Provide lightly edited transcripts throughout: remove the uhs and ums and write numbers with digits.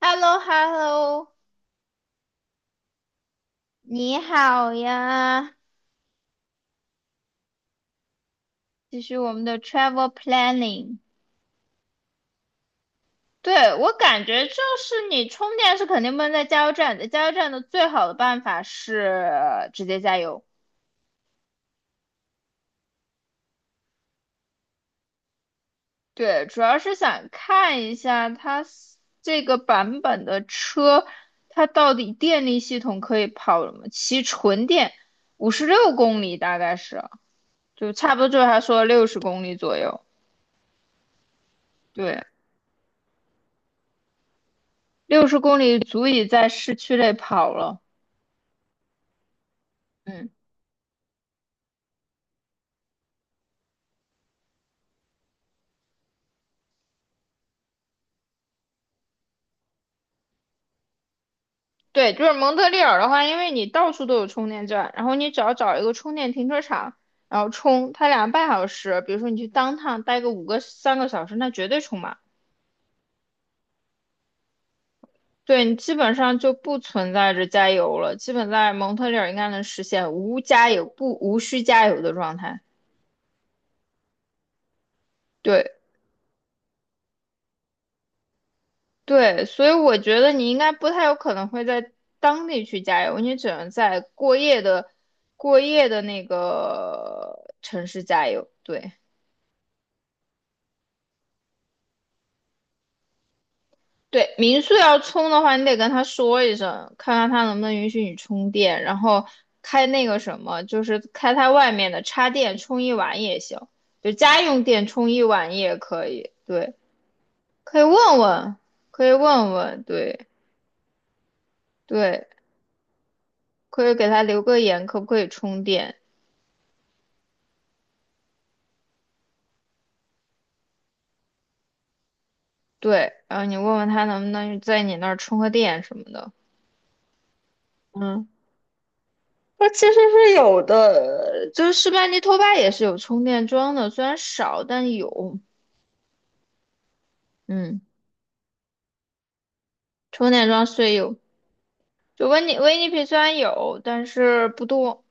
h e l l o h e l l o 你好呀，继续我们的 travel planning。对，我感觉就是你充电是肯定不能在加油站的，在加油站的最好的办法是直接加油。对，主要是想看一下它 这个版本的车，它到底电力系统可以跑什么？骑纯电56公里大概是，就差不多就是他说六十公里左右。对。六十公里足以在市区内跑了。嗯，对，就是蒙特利尔的话，因为你到处都有充电站，然后你只要找一个充电停车场，然后充，它2个半小时，比如说你去当趟待个五个三个小时，那绝对充满。对你基本上就不存在着加油了，基本在蒙特利尔应该能实现无加油不无需加油的状态。对。对，所以我觉得你应该不太有可能会在当地去加油，你只能在过夜的那个城市加油。对对，民宿要充的话，你得跟他说一声，看看他能不能允许你充电，然后开那个什么，就是开它外面的插电充一晚也行，就家用电充一晚也可以。对，可以问问，可以问问，对对，可以给他留个言，可不可以充电。对，然后你问问他能不能在你那儿充个电什么的。嗯，它其实是有的，就是士班尼托巴也是有充电桩的，虽然少，但有。嗯，充电桩虽有，就温尼威尼皮虽然有，但是不多。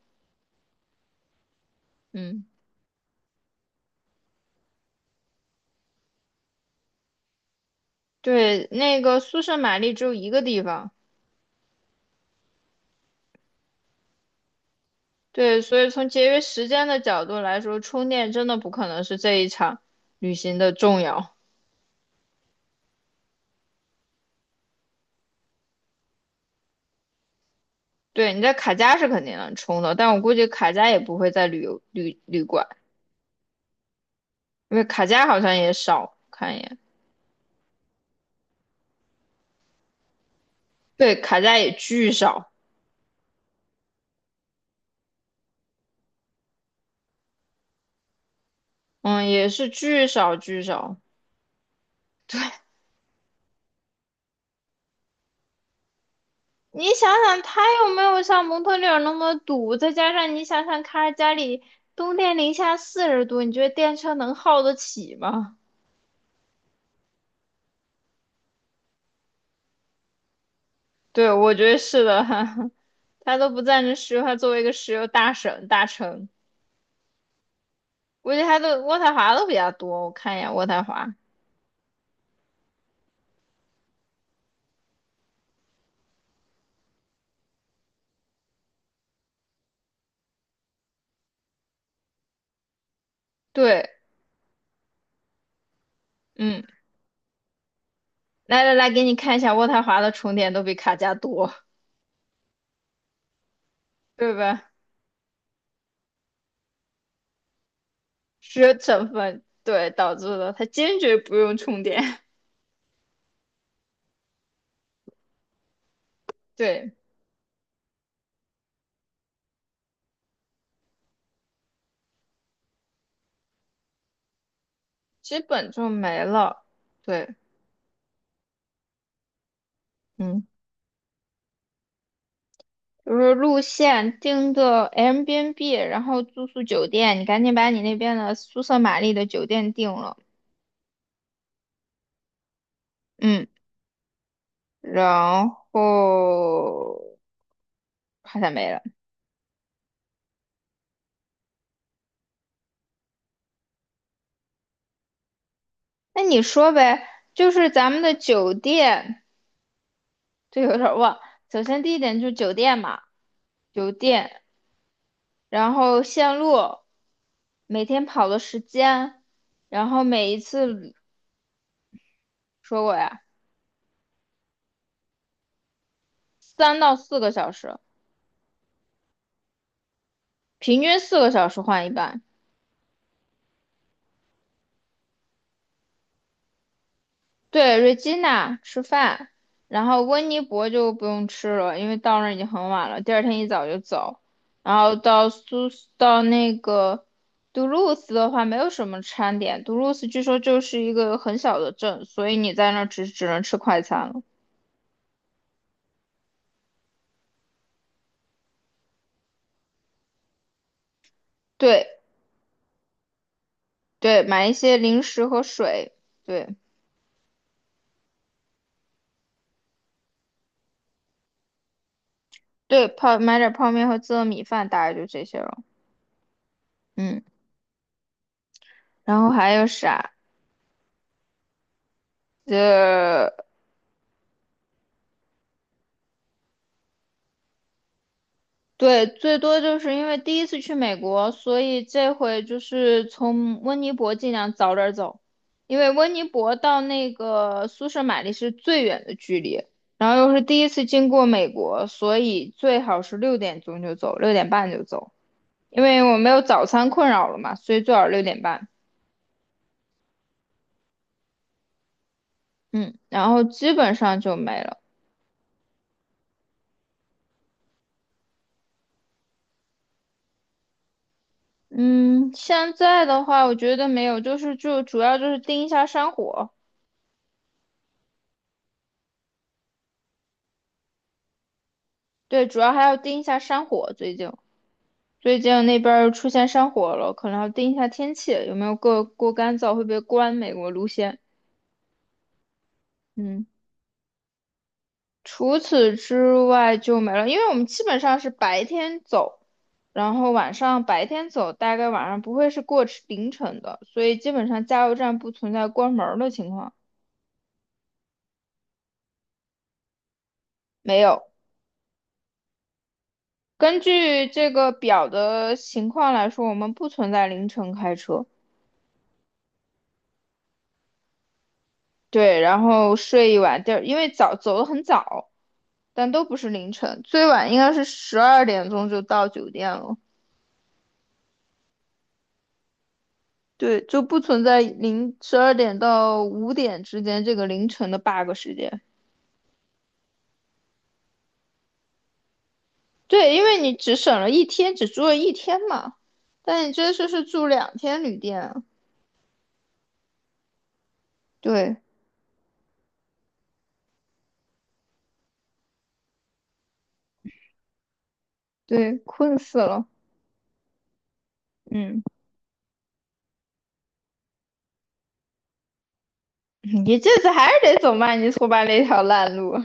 嗯，对，那个苏圣玛丽只有一个地方。对，所以从节约时间的角度来说，充电真的不可能是这一场旅行的重要。对，你在卡加是肯定能充的，但我估计卡加也不会在旅游旅馆。因为卡价好像也少，看一眼，对，卡价也巨少，嗯，也是巨少巨少。你想想，它有没有像蒙特利尔那么堵，再加上你想想，卡尔加里冬天零下40度，你觉得电车能耗得起吗？对，我觉得是的，他都不赞成石油，它作为一个石油大省大城，估计他的渥太华都比较多。我看一眼渥太华，对，嗯，来来来，给你看一下渥太华的充电都比卡加多，对吧？是成分，对，导致的，它坚决不用充电，对，基本就没了，对，嗯，就是路线订个 Airbnb,然后住宿酒店，你赶紧把你那边的苏瑟玛丽的酒店订了，嗯，然后好像没了，那你说呗，就是咱们的酒店，这有点儿忘，首先第一点就是酒店嘛，酒店。然后线路，每天跑的时间，然后每一次说过呀，3到4个小时，平均四个小时换一班。对瑞 e 娜吃饭，然后温尼伯就不用吃了，因为到那儿已经很晚了，第二天一早就走。然后到那个杜鲁斯的话，没有什么餐点。杜鲁斯据说就是一个很小的镇，所以你在那儿只能吃快餐了。对，对，买一些零食和水，对对，买点泡面和自热米饭，大概就这些了。嗯，然后还有啥？呃，对，最多就是因为第一次去美国，所以这回就是从温尼伯尽量早点走，因为温尼伯到那个苏舍马利是最远的距离，然后又是第一次经过美国，所以最好是6点钟就走，六点半就走，因为我没有早餐困扰了嘛，所以最好六点半。嗯，然后基本上就没了。嗯，现在的话，我觉得没有，就是就主要就是盯一下山火，对，主要还要盯一下山火。最近那边儿出现山火了，可能要盯一下天气，有没有过干燥，会不会关美国路线。嗯，除此之外就没了，因为我们基本上是白天走，然后晚上白天走，大概晚上不会是过凌晨的，所以基本上加油站不存在关门儿的情况，没有。根据这个表的情况来说，我们不存在凌晨开车，对，然后睡一晚地儿，因为早走得很早，但都不是凌晨，最晚应该是12点钟就到酒店了，对，就不存在零十二点到5点之间这个凌晨的 bug 时间，对，因为你只省了一天，只住了一天嘛，但你这次是住两天旅店啊对对，困死了，嗯，你这次还是得走曼尼托巴那条烂路。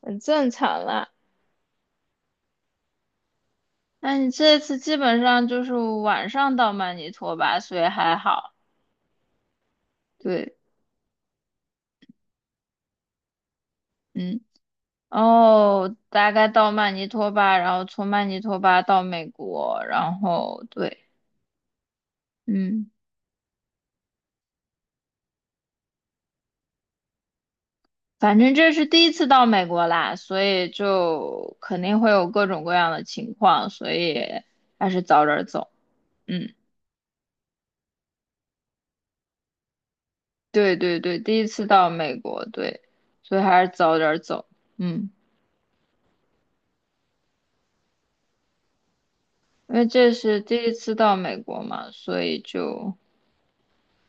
很正常啦。那你这次基本上就是晚上到曼尼托巴，所以还好。对，嗯，哦，大概到曼尼托巴，然后从曼尼托巴到美国，然后对，嗯，反正这是第一次到美国啦，所以就肯定会有各种各样的情况，所以还是早点走。嗯，对对对，第一次到美国，对，所以还是早点走。嗯。因为这是第一次到美国嘛，所以就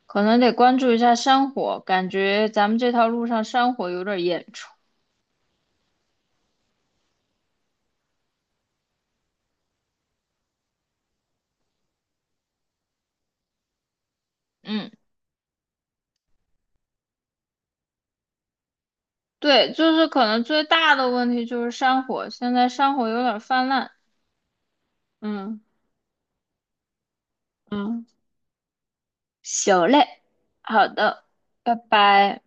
可能得关注一下山火，感觉咱们这条路上山火有点严重。嗯，对，就是可能最大的问题就是山火，现在山火有点泛滥。嗯嗯，行嘞，好的，拜拜。